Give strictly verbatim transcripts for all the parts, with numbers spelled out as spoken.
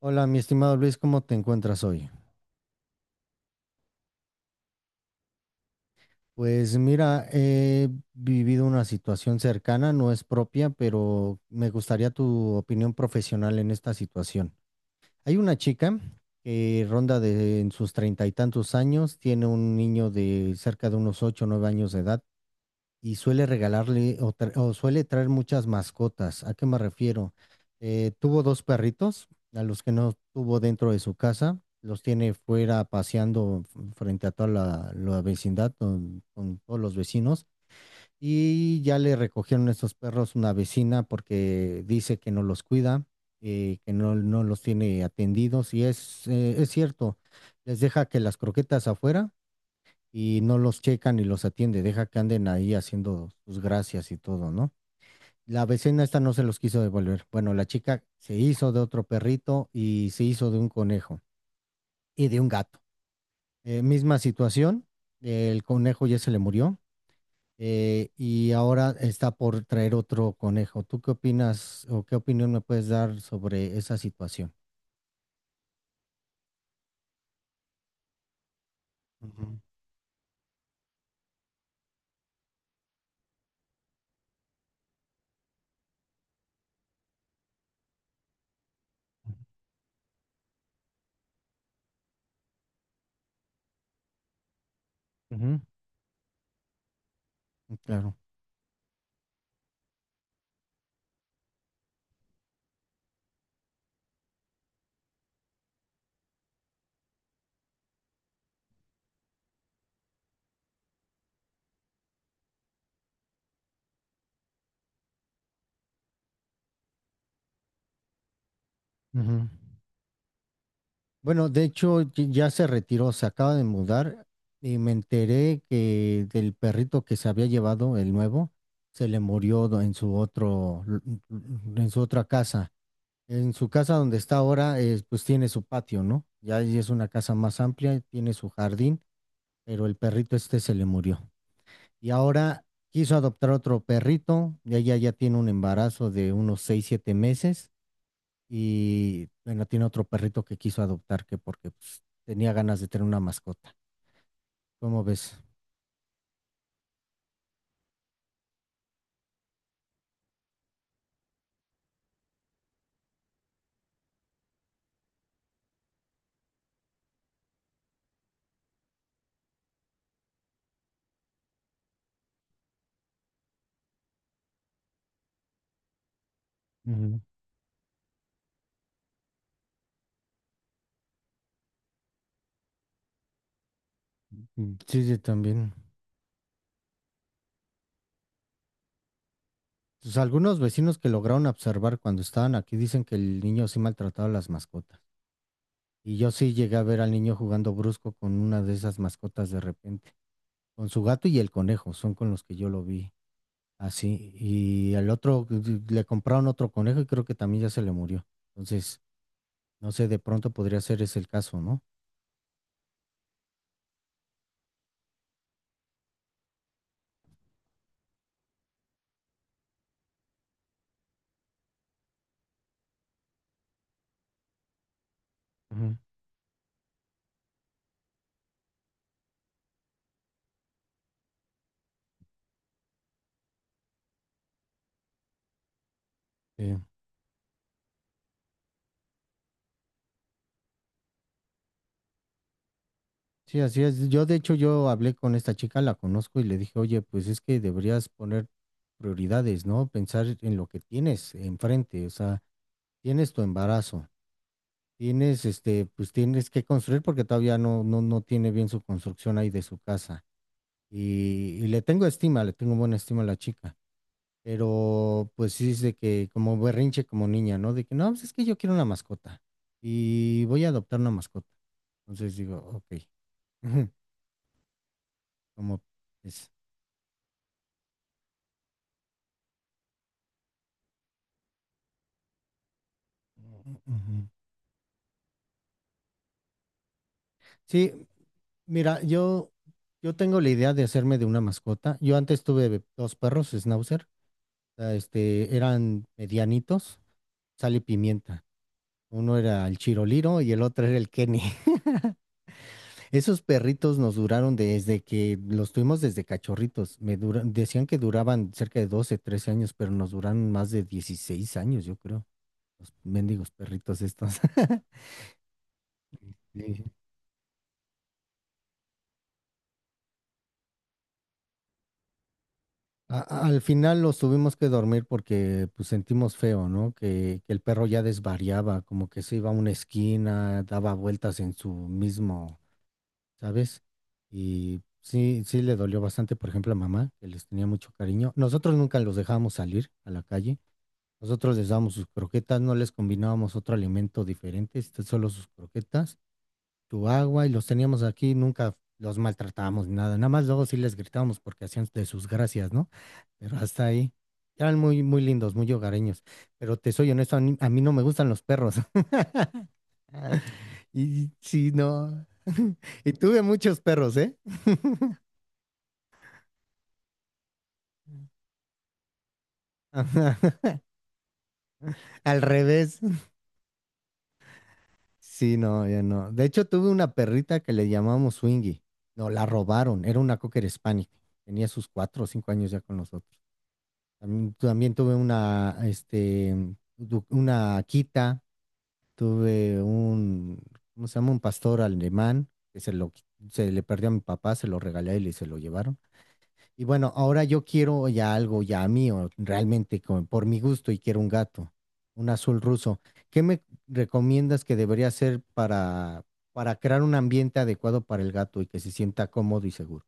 Hola, mi estimado Luis, ¿cómo te encuentras hoy? Pues mira, he vivido una situación cercana, no es propia, pero me gustaría tu opinión profesional en esta situación. Hay una chica que ronda de en sus treinta y tantos años, tiene un niño de cerca de unos ocho o nueve años de edad, y suele regalarle o, tra- o suele traer muchas mascotas. ¿A qué me refiero? Eh, tuvo dos perritos, a los que no tuvo dentro de su casa, los tiene fuera paseando f- frente a toda la, la vecindad con, con todos los vecinos. Y ya le recogieron esos perros una vecina porque dice que no los cuida, eh, que no, no los tiene atendidos. Y es, eh, es cierto, les deja que las croquetas afuera y no los checa ni los atiende, deja que anden ahí haciendo sus gracias y todo, ¿no? La vecina esta no se los quiso devolver. Bueno, la chica se hizo de otro perrito y se hizo de un conejo y de un gato. Eh, misma situación, el conejo ya se le murió, eh, y ahora está por traer otro conejo. ¿Tú qué opinas o qué opinión me puedes dar sobre esa situación? Ujú. Ujú, claro. Ujú. Bueno, de hecho y- ya se retiró, se acaba de mudar y me enteré que del perrito que se había llevado, el nuevo, se le murió do- en su otro, lu- lu- en su otra casa. En su casa donde está ahora, eh, pues tiene su patio, ¿no? Ya ahí es una casa más amplia, tiene su jardín, pero el perrito este se le murió. Y ahora quiso adoptar otro perrito, y ella ya tiene un embarazo de unos seis siete meses y bueno, tiene otro perrito que quiso adoptar que porque pues, tenía ganas de tener una mascota. ¿Cómo ves? Ujú. Mm, sí, sí, también. Pues, algunos vecinos que lograron observar cuando estaban aquí dicen que el niño sí maltrataba a las mascotas. Y yo sí llegué a ver al niño jugando brusco con una de esas mascotas de repente. Con su gato y el conejo, son con los que yo lo vi. Así. Y al otro d- le compraron otro conejo y creo que también ya se le murió. Entonces, no sé, de pronto podría ser ese el caso, ¿no? Ujú. Sí. Sí, así es. Yo, de hecho, yo hablé con esta chica, la conozco y le dije: oye, pues es que deberías poner prioridades, ¿no? Pensar en lo que tienes enfrente, o sea, tienes tu embarazo, tienes, este, pues tienes que construir porque todavía no, no, no tiene bien su construcción ahí de su casa. Y, y le tengo estima, le tengo buena estima a la chica, pero pues sí es de que como berrinche como niña, ¿no? De que no, pues es que yo quiero una mascota y voy a adoptar una mascota. Entonces digo, ok, como... Ujú. Sí, mira, yo, yo tengo la idea de hacerme de una mascota. Yo antes tuve dos perros, Schnauzer, ah, este, eran medianitos, sal y pimienta. Uno era el Chiroliro y el otro era el Kenny. Esos perritos nos duraron desde que los tuvimos desde cachorritos. Me dura- decían que duraban cerca de doce, trece años, pero nos duraron más de dieciséis años, yo creo. Los mendigos perritos estos. Sí. A- a- al final los tuvimos que dormir porque pues sentimos feo, ¿no? Que, que el perro ya desvariaba, como que se iba a una esquina, daba vueltas en su mismo, ¿sabes? Y sí, sí le dolió bastante, por ejemplo, a mamá, que les tenía mucho cariño. Nosotros nunca los dejábamos salir a la calle. Nosotros les dábamos sus croquetas, no les combinábamos otro alimento diferente, este, solo sus croquetas, su agua, y los teníamos aquí, nunca los maltratábamos ni nada. Nada más luego sí les gritábamos porque hacían de sus gracias, ¿no? Pero hasta ahí. Eran muy, muy lindos, muy hogareños. Pero te soy honesto, a mí, a mí no me gustan los perros. Y sí, no. Y tuve muchos perros, ¿eh? Ajá, al revés. Sí, no, ya no. De hecho, tuve una perrita que le llamamos Swingy. No, la robaron. Era una Cocker Spaniel. Tenía sus cuatro o cinco años ya con nosotros. También, también tuve una, este, du- una Akita. Tuve un, ¿cómo se llama? Un pastor alemán que se lo, qui- se le perdió a mi papá, se lo regalé él y se lo llevaron. Y bueno, ahora yo quiero ya algo ya mío, realmente con- por mi gusto y quiero un gato, un azul ruso. ¿Qué me recomiendas que debería hacer para, para crear un ambiente adecuado para el gato y que se sienta cómodo y seguro?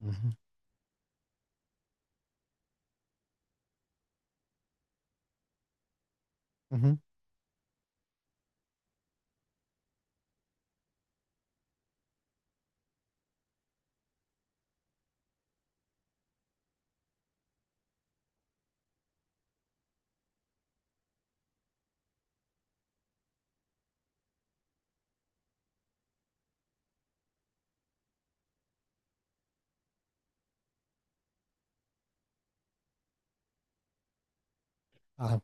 Ujú, ujú. Ah, ok.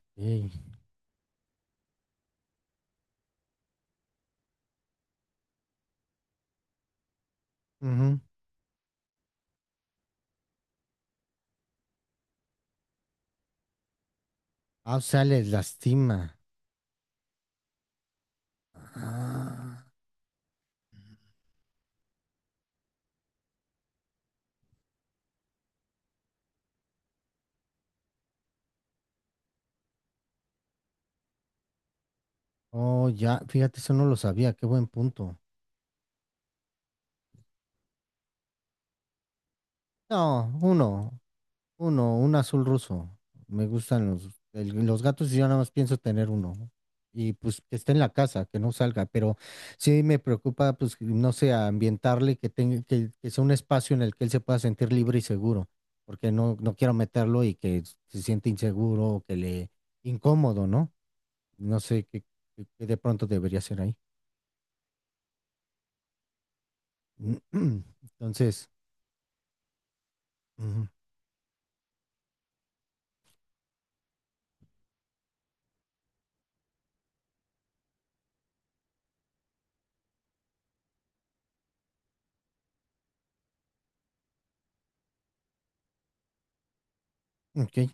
Ujú. Ah, o sea, les lastima. Ah. Oh, ya, fíjate, eso no lo sabía, qué buen punto. No, uno, uno, un azul ruso. Me gustan los, el- los gatos y yo nada más pienso tener uno. Y pues que esté en la casa, que no salga, pero sí me preocupa, pues, que, no sé, ambientarle, que tenga, que, que sea un espacio en el que él se pueda sentir libre y seguro, porque no, no quiero meterlo y que se siente inseguro o que le incómodo, ¿no? No sé qué, qué- qué de pronto debería ser ahí. Entonces, ujú, ok.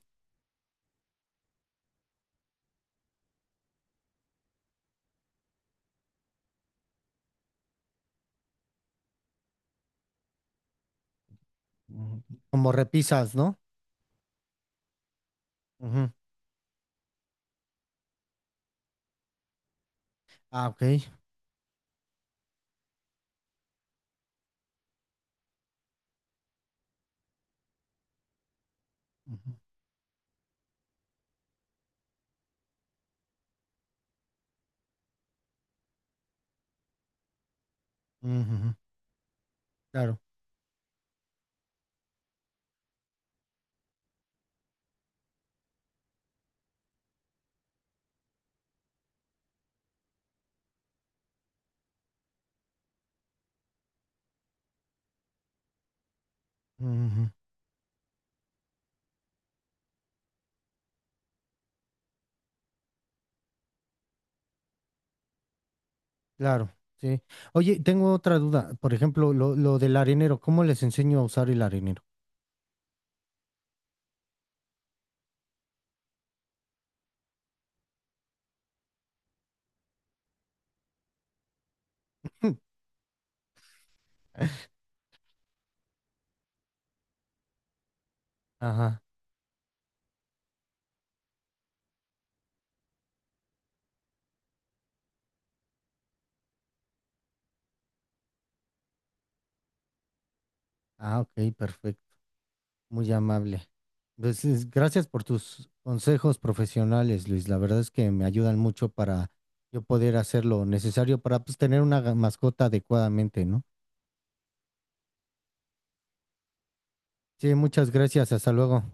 Ujú. Como repisas, ¿no? Ujú. Ah, ok. Ujú. Ujú, claro. Ujú, claro, sí. Oye, tengo otra duda. Por ejemplo, lo, lo del arenero, ¿cómo les enseño a usar el arenero? Ajá. Ah, ok, perfecto. Muy amable. Pues, es- gracias por tus consejos profesionales, Luis. La verdad es que me ayudan mucho para yo poder hacer lo necesario para pues, tener una ga- mascota adecuadamente, ¿no? Sí, muchas gracias. Hasta luego.